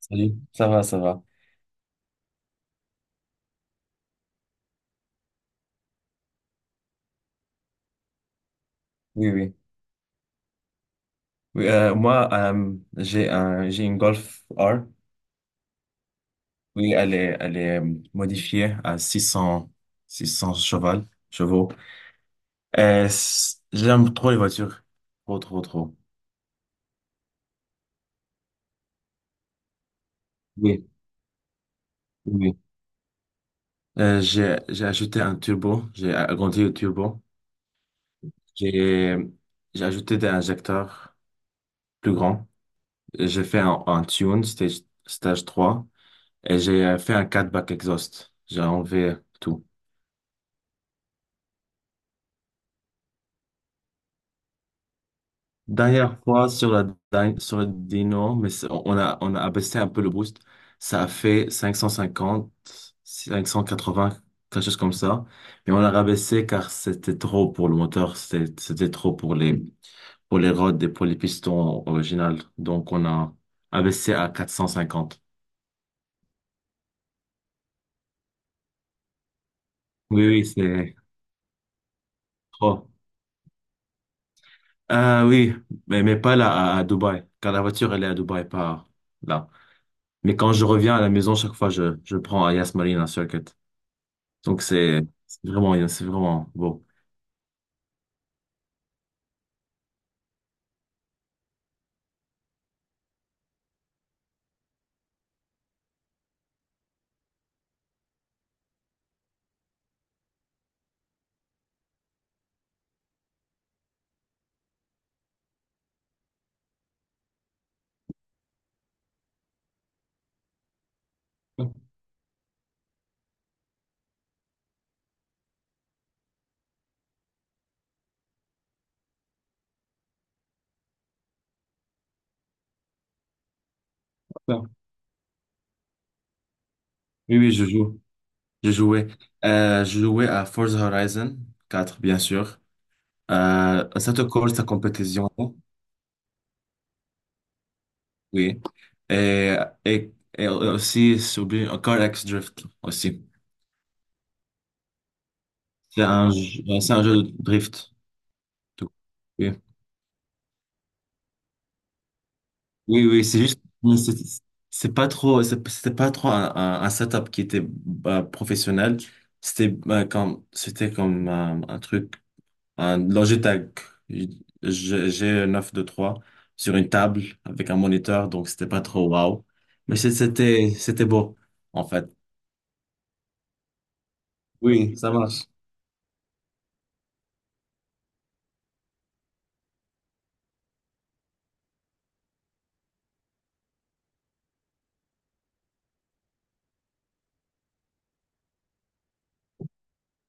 Salut. Ça va, ça va. Oui, oui. Oui, moi, j'ai une Golf R. Oui, elle est modifiée à 600, 600 chevaux. J'aime trop les voitures. Trop, trop, trop. Oui, oui. J'ai ajouté un turbo. J'ai agrandi le turbo. J'ai, j'ai ajouté des injecteurs plus grands. J'ai fait un tune, stage trois. Et j'ai fait un cat back exhaust. J'ai enlevé tout. Dernière fois sur sur le Dino, mais on a abaissé un peu le boost. Ça a fait 550, 580, quelque chose comme ça. Mais on a rabaissé car c'était trop pour le moteur, c'était trop pour les rods et pour les pistons originales. Donc on a abaissé à 450. Oui, oui, c'est trop. Ah oui, mais pas là, à Dubaï, car la voiture, elle est à Dubaï, pas là. Mais quand je reviens à la maison, chaque fois, je prends à Yas Marina Circuit. Donc c'est vraiment bien, c'est vraiment beau. D'accord. Oui, oui, je joue. Je jouais. Je jouais à Forza Horizon 4, bien sûr. Ça te colle ta compétition, oui. Et, et aussi, j'ai oublié, Car X Drift aussi. C'est ouais, c'est un jeu de drift. Tout. Oui, oui, oui, c'est juste, mais c'est pas trop, c'était pas trop un setup qui était bah, professionnel. C'était bah, comme, c'était comme un truc. Un Logitech. J'ai un 923 sur une table avec un moniteur, donc c'était pas trop wow. Mais c'était beau, en fait. Oui, ça marche.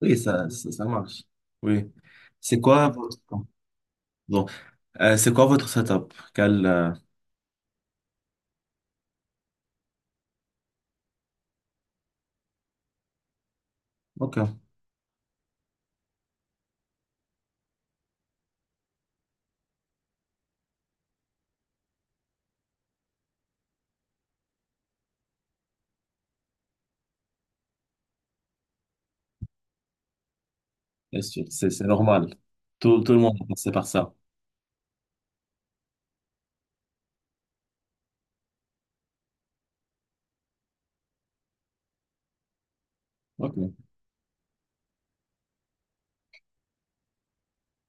Oui, ça marche. Oui. C'est quoi votre... Bon. C'est quoi votre setup? Quel, Ok, bien sûr, c'est normal. Tout le monde a passé par ça. Ok.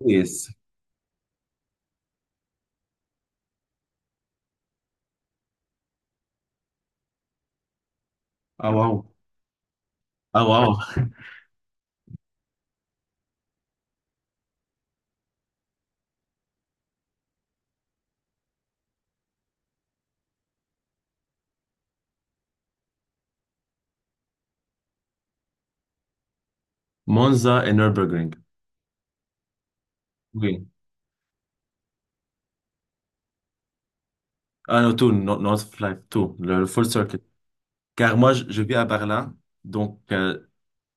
Yes. Ah, wow. Ah, wow. Monza et Nürburgring. Oui. Ah, non, tout, North Flag, tout. Le full circuit. Car moi, je vis à Berlin, donc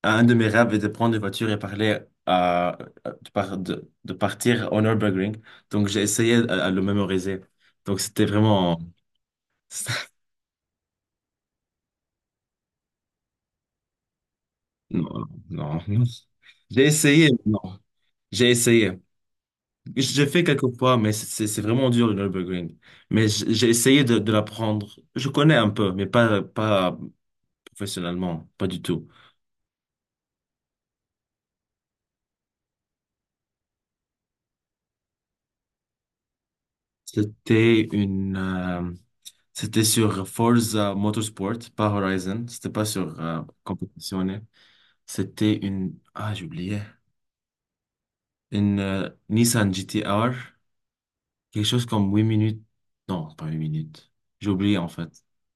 un de mes rêves est de prendre une voiture et parler à, de partir au Nürburgring. Donc j'ai essayé à le mémoriser. Donc c'était vraiment... Non, non, non. J'ai essayé, mais non. J'ai essayé. J'ai fait quelques fois, mais c'est vraiment dur le Nürburgring. Mais j'ai essayé de l'apprendre. Je connais un peu, mais pas professionnellement, pas du tout. C'était une... C'était sur Forza Motorsport, pas Horizon. C'était pas sur compétitionné. C'était une... Ah, j'ai oublié. Une Nissan GT-R. Quelque chose comme 8 minutes. Non, pas 8 minutes. J'ai oublié en fait.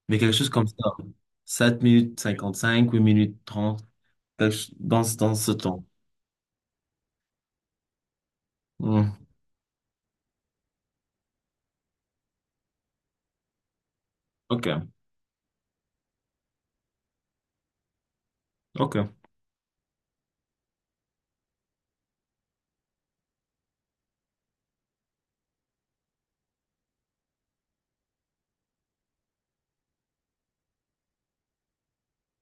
Mais quelque chose comme ça. 7 minutes 55, 8 minutes 30, dans, dans ce temps. Hmm. OK. OK.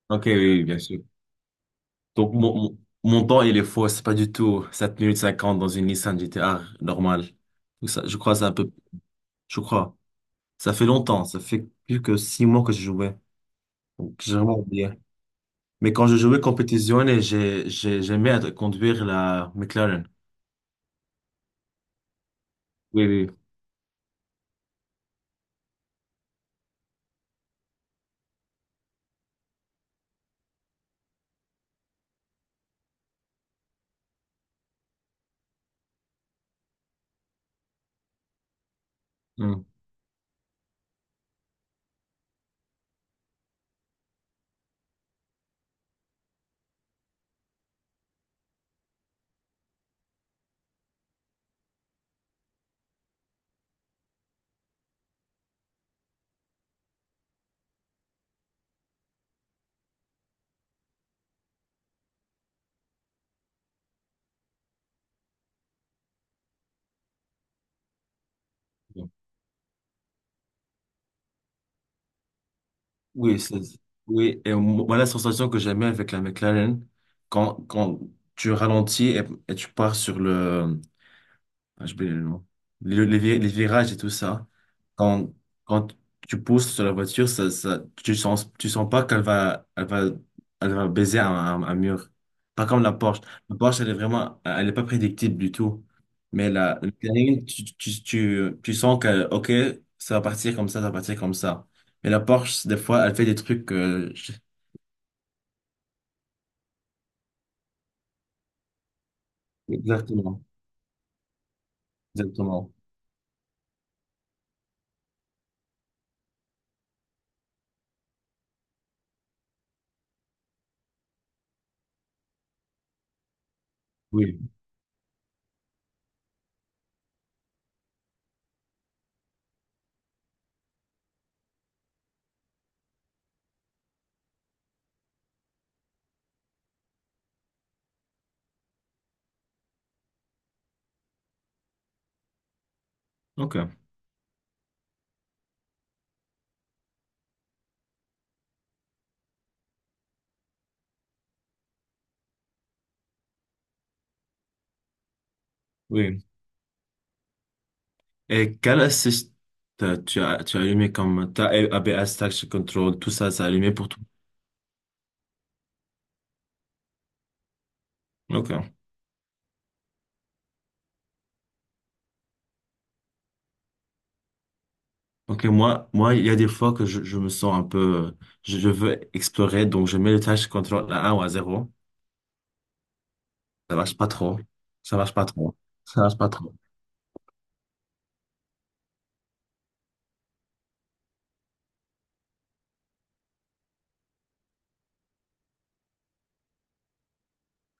OK, oui, oui, bien sûr. Donc, mon temps, il est faux. C'est pas du tout 7 minutes 50 dans une Nissan GT-R normale. Donc, ça, je crois que c'est un peu... Je crois. Ça fait longtemps, ça fait plus que 6 mois que je jouais. Donc, j'ai vraiment oublié. Mais quand je jouais compétition, et j'aimais conduire la McLaren. Oui, oui. Hmm. Oui, c'est, oui. Et moi, la sensation que j'aimais avec la McLaren, quand tu ralentis et tu pars sur le, Ah, je peux- les virages et tout ça. Quand, quand tu pousses sur la voiture, tu sens pas qu'elle va baiser un mur. Pas comme la Porsche. La Porsche, elle est vraiment, elle est pas prédictible du tout. Mais la Cayenne, tu sens que, OK, ça va partir comme ça va partir comme ça. Mais la Porsche, des fois, elle fait des trucs, je- Exactement. Exactement. Oui. OK. Oui. Et quel assist tu as allumé comme ta ABS, Traction Control, tout ça a allumé pour toi? Ok. Ok, moi, il y a des fois que je me sens un peu, je veux explorer, donc je mets le Traction Control à un ou à zéro. Ça marche pas trop. Ça marche pas trop. Ça marche pas trop.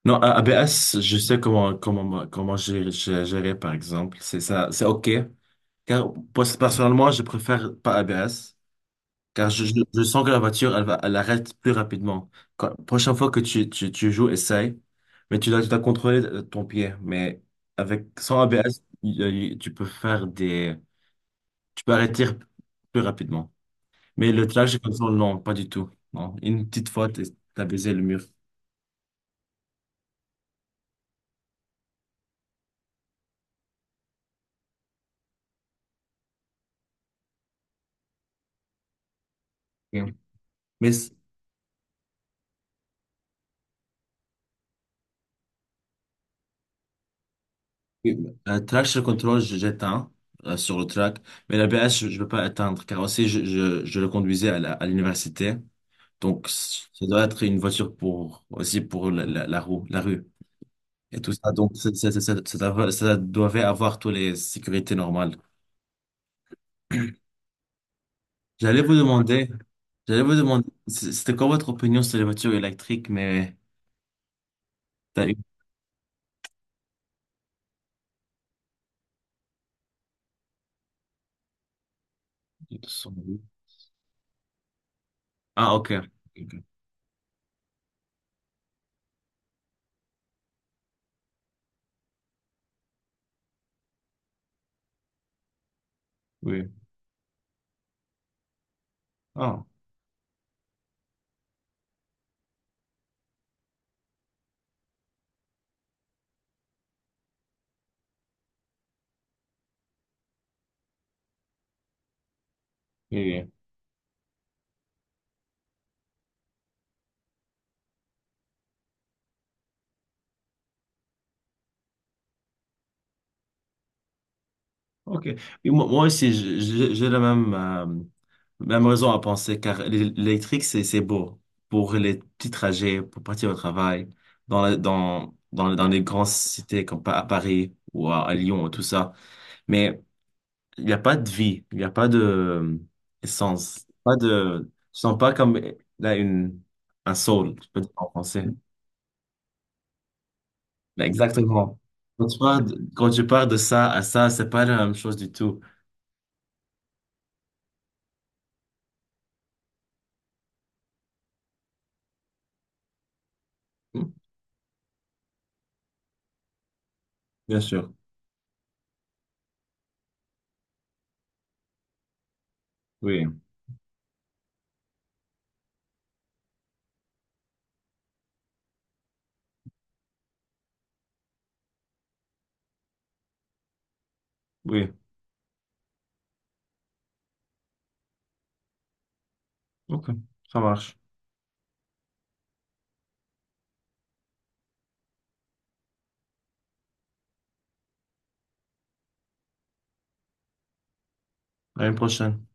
Non, ABS, je sais comment gérer, par exemple. C'est ça, c'est ok. Car, personnellement, je préfère pas ABS. Car je sens que la voiture, elle arrête plus rapidement. Prochaine fois que tu joues, essaye. Mais tu dois contrôler ton pied. Mais sans ABS, tu peux tu peux arrêter plus rapidement. Mais le trajet comme ça, non, pas du tout. Non. Une petite fois, t'as baisé le mur. Ok. Mais traction control, j'éteins sur le track. Mais l'ABS, je ne peux pas éteindre. Car aussi, je le conduisais à l'université. Donc, ça doit être une voiture pour, aussi pour la rue et tout ça. Donc, ça doit avoir toutes les sécurités normales. J'allais vous demander, j'allais vous demander, c'était quoi votre opinion sur les voitures électriques, mais t'as eu... Ah, ok. Ok. Ok. Oui. Ah, oui. Oui. OK. Et moi aussi, j'ai la même raison à penser, car l'électrique, c'est beau pour les petits trajets, pour partir au travail, dans, la- dans, dans, dans les grandes cités comme à Paris ou à Lyon, tout ça. Mais il n'y a pas de vie, il n'y a pas de essence, pas de... Je sens pas comme là, un soul, je peux dire en français. Mais exactement. Quand tu pars de ça à ça, c'est pas la même chose du tout. Bien sûr. Oui, oui. Ok, ça marche. À une prochaine.